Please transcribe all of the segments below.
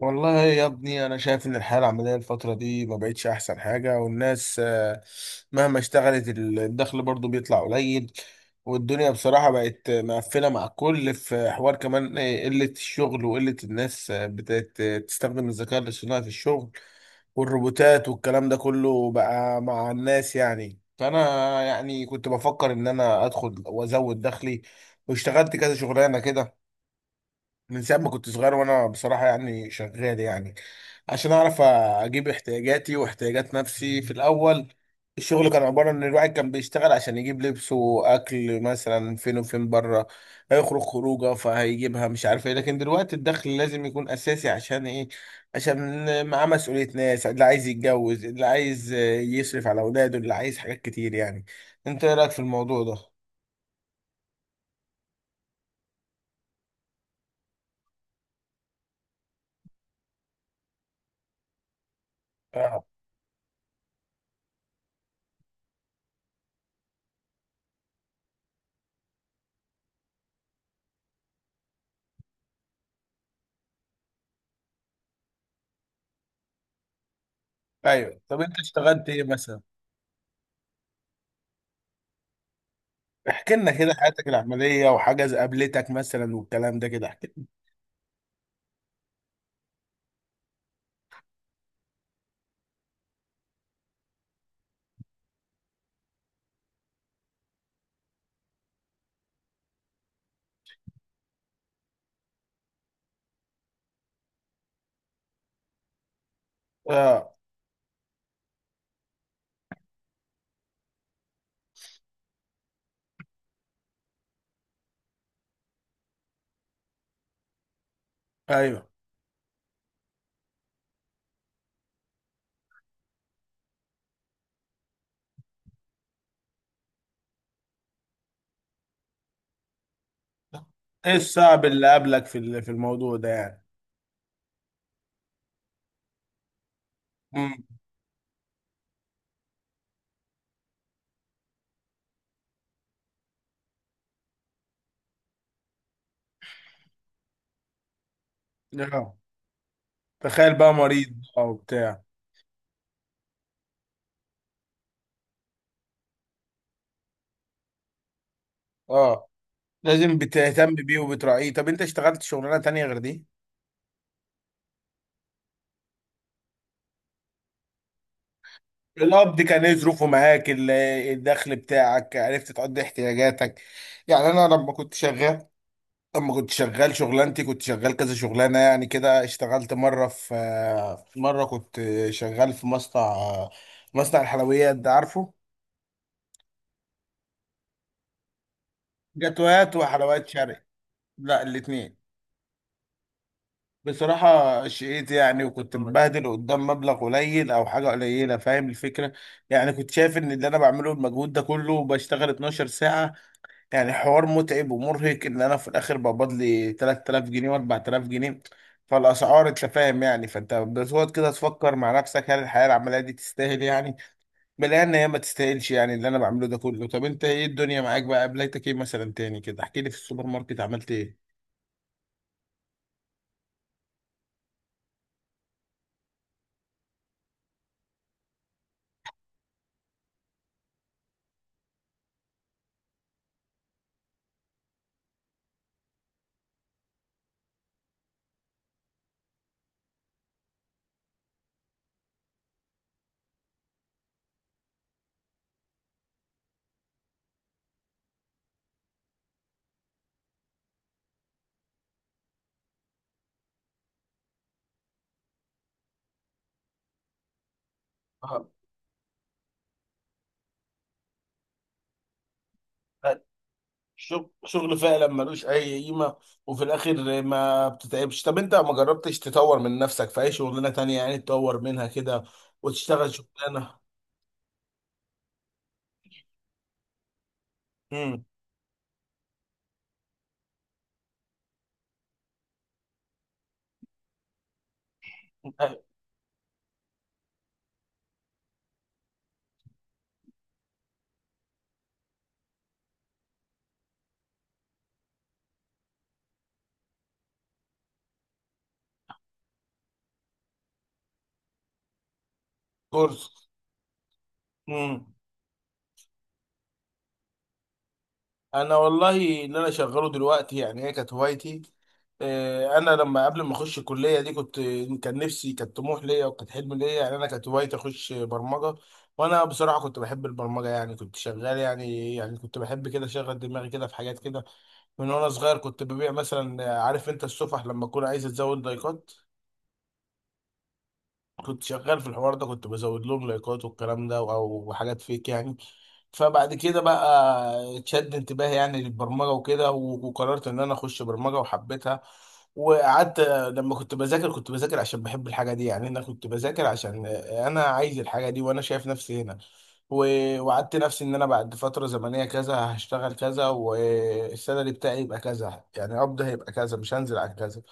والله يا ابني انا شايف ان الحياه العمليه الفتره دي ما بقتش احسن حاجه والناس، مهما اشتغلت الدخل برضو بيطلع قليل. والدنيا بصراحه بقت مقفله مع الكل في حوار كمان، قله الشغل وقله الناس، بتستخدم الذكاء الاصطناعي في الشغل والروبوتات والكلام ده كله بقى مع الناس يعني. فانا كنت بفكر ان انا ادخل وازود دخلي، واشتغلت كذا شغلانه كده من ساعة ما كنت صغير. وانا بصراحة يعني شغال يعني عشان اعرف اجيب احتياجاتي واحتياجات نفسي في الاول. الشغل كان عبارة ان الواحد كان بيشتغل عشان يجيب لبس واكل مثلا، فين وفين بره هيخرج خروجه فهيجيبها مش عارف ايه. لكن دلوقتي الدخل لازم يكون اساسي، عشان ايه؟ عشان معاه مسؤولية ناس، اللي عايز يتجوز، اللي عايز يصرف على اولاده، اللي عايز حاجات كتير يعني. انت ايه رايك في الموضوع ده؟ آه. ايوه، طب انت اشتغلت ايه مثلا؟ احكي لنا كده حياتك العملية وحاجة قابلتك مثلا والكلام ده، كده احكي لنا. اه. ايوه، ايه الصعب اللي قابلك في الموضوع ده يعني؟ امم. اه، تخيل بقى مريض او بتاع. اه، لازم بتهتم بيه وبتراعيه. طب انت اشتغلت شغلانة تانية غير دي؟ القبض كان ايه ظروفه معاك؟ الدخل بتاعك عرفت تقضي احتياجاتك؟ يعني انا لما كنت شغال، اما كنت شغال شغلانتي كنت شغال كذا شغلانه يعني كده. اشتغلت مره في مره كنت شغال في مصنع، مصنع الحلويات ده عارفه. جاتوهات وحلويات شرقي، لا الاتنين. بصراحه شقيت يعني، وكنت مبهدل قدام مبلغ قليل او حاجه قليله، فاهم الفكره؟ يعني كنت شايف ان اللي انا بعمله المجهود ده كله، بشتغل 12 ساعه، يعني حوار متعب ومرهق، ان انا في الاخر بقبض لي 3000 جنيه و4000 جنيه. فالاسعار انت فاهم يعني. فانت بتقعد كده تفكر مع نفسك، هل الحياه العمليه دي تستاهل يعني؟ بلاقي ان هي ما تستاهلش يعني، اللي انا بعمله ده كله. طب انت ايه الدنيا معاك بقى؟ قابلتك ايه مثلا تاني كده؟ احكي لي، في السوبر ماركت عملت ايه؟ آه، شغل شغل فعلا ملوش اي قيمه، وفي الاخر ما بتتعبش. طب انت ما جربتش تطور من نفسك في اي شغلانه تانية، يعني تطور منها كده وتشتغل شغلانه؟ مم. آه، كورس. مم. انا والله اللي انا شغاله دلوقتي يعني هي كانت هوايتي. انا لما قبل ما اخش الكليه دي، كان نفسي، كان طموح ليا وكانت حلم ليا يعني. انا كانت هوايتي اخش برمجه، وانا بصراحه كنت بحب البرمجه يعني. كنت شغال يعني، كنت بحب كده اشغل دماغي كده في حاجات كده من وانا صغير. كنت ببيع مثلا، عارف انت السفح لما اكون عايز ازود لايكات؟ كنت شغال في الحوار ده، كنت بزود لهم لايكات والكلام ده او حاجات فيك يعني. فبعد كده بقى اتشد انتباهي يعني للبرمجه وكده. وقررت ان انا اخش برمجه وحبيتها. وقعدت لما كنت بذاكر، كنت بذاكر عشان بحب الحاجه دي يعني. انا كنت بذاكر عشان انا عايز الحاجه دي وانا شايف نفسي هنا. وعدت نفسي ان انا بعد فتره زمنيه كذا هشتغل كذا، والسالري بتاعي يبقى كذا، يعني قبض هيبقى كذا مش هنزل عن كذا.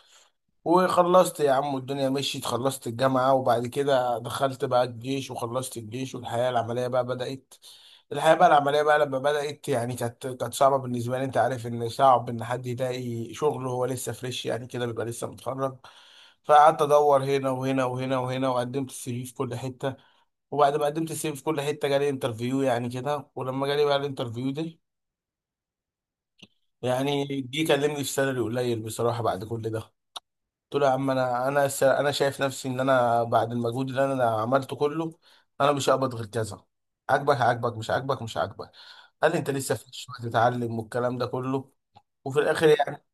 وخلصت يا عم، والدنيا مشيت. خلصت الجامعة وبعد كده دخلت بقى الجيش، وخلصت الجيش، والحياة العملية بقى بدأت. الحياة بقى العملية بقى لما بدأت، يعني كانت صعبة بالنسبة لي. أنت عارف إن صعب إن حد يلاقي شغل وهو لسه فريش يعني كده، بيبقى لسه متخرج. فقعدت أدور هنا وهنا وهنا وهنا، وقدمت السي في في كل حتة. وبعد ما قدمت السي في في كل حتة، جالي انترفيو يعني كده. ولما جالي بقى الانترفيو ده، يعني جه كلمني في سالري قليل بصراحة بعد كل ده. قلت له يا عم، انا شايف نفسي ان انا بعد المجهود اللي انا عملته كله، انا مش هقبض غير كذا. عاجبك هعاجبك، مش عاجبك مش عاجبك. قال لي انت لسه في الشغل تتعلم، والكلام ده كله. وفي الاخر يعني،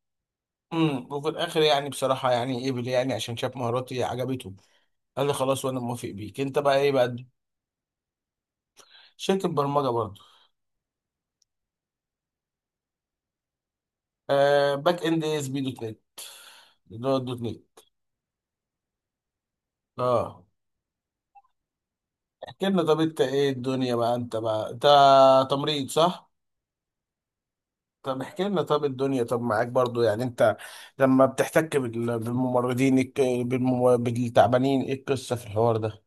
امم، وفي الاخر يعني بصراحه، يعني قبل يعني، عشان شاف مهاراتي عجبته. قال لي خلاص وانا موافق. بيك انت بقى ايه بقى؟ شركه برمجه برضه. آه، باك اند اس بي دوت نت، اللي هو الدوت نت. اه. احكي لنا، طب انت ايه الدنيا بقى؟ انت بقى، انت تمريض صح؟ طب احكي لنا، طب الدنيا طب معاك برضو يعني. انت لما بتحتك بالتعبانين، ايه القصة في الحوار ده؟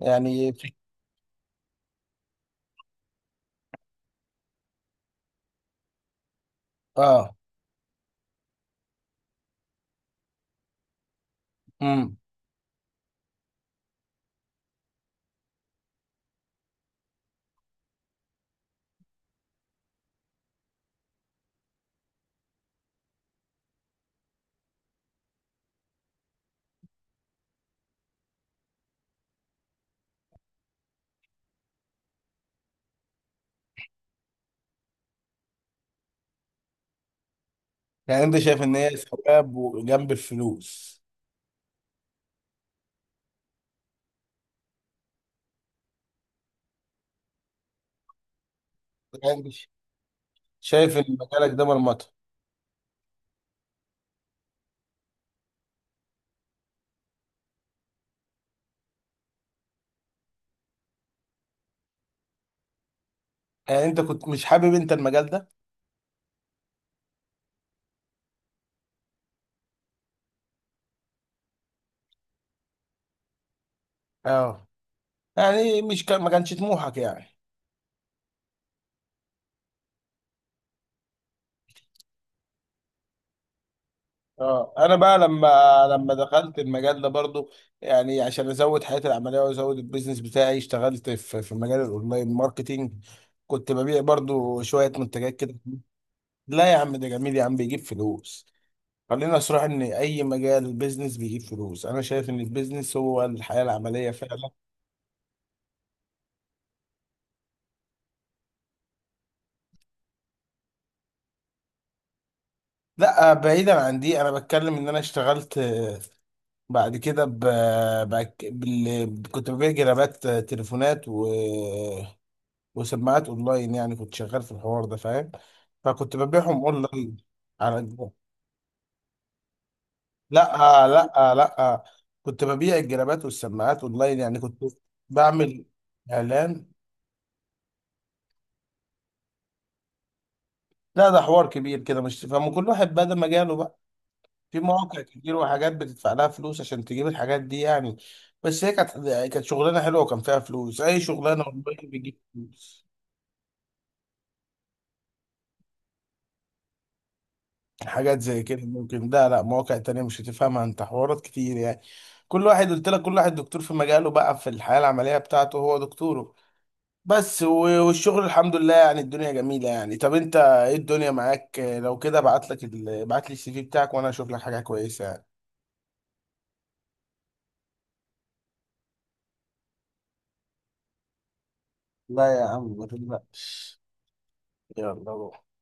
يعني اه. امم. يعني انت شايف ان هي ثواب وجنب الفلوس؟ يعني انت شايف ان مجالك ده مرمطة؟ يعني انت كنت مش حابب انت المجال ده؟ اه. يعني مش كان، ما كانش طموحك يعني؟ اه. انا بقى لما دخلت المجال ده برضو، يعني عشان ازود حياتي العمليه وازود البيزنس بتاعي، اشتغلت في مجال الاونلاين ماركتينج. كنت ببيع برضو شويه منتجات كده. لا يا عم، ده جميل يا عم، بيجيب فلوس. خلينا صراحة ان اي مجال بيزنس بيجيب فلوس. انا شايف ان البيزنس هو الحياه العمليه فعلا. لا، بعيدا عن دي، انا بتكلم ان انا اشتغلت، بعد كده كنت ببيع جرابات، تليفونات، وسماعات اونلاين يعني. كنت شغال في الحوار ده، فاهم؟ فكنت ببيعهم اونلاين على الجو. لا لا لا، كنت ببيع الجرابات والسماعات اونلاين يعني، كنت بعمل اعلان. لا، ده حوار كبير كده مش فاهم، كل واحد بقى ده مجاله بقى. في مواقع كتير وحاجات بتدفع لها فلوس عشان تجيب الحاجات دي يعني. بس هي كانت شغلانه حلوه وكان فيها فلوس. اي شغلانه اونلاين بتجيب فلوس. حاجات زي كده ممكن ده. لا، مواقع تانية مش هتفهمها انت، حوارات كتير يعني. كل واحد قلت لك، كل واحد دكتور في مجاله بقى، في الحياة العملية بتاعته هو دكتوره. بس والشغل الحمد لله يعني، الدنيا جميلة يعني. طب انت ايه الدنيا معاك؟ لو كده ابعت لك ابعت لي السي في بتاعك وانا اشوف لك حاجة كويسة يعني. لا يا عم ما تقلقش. يلا روح.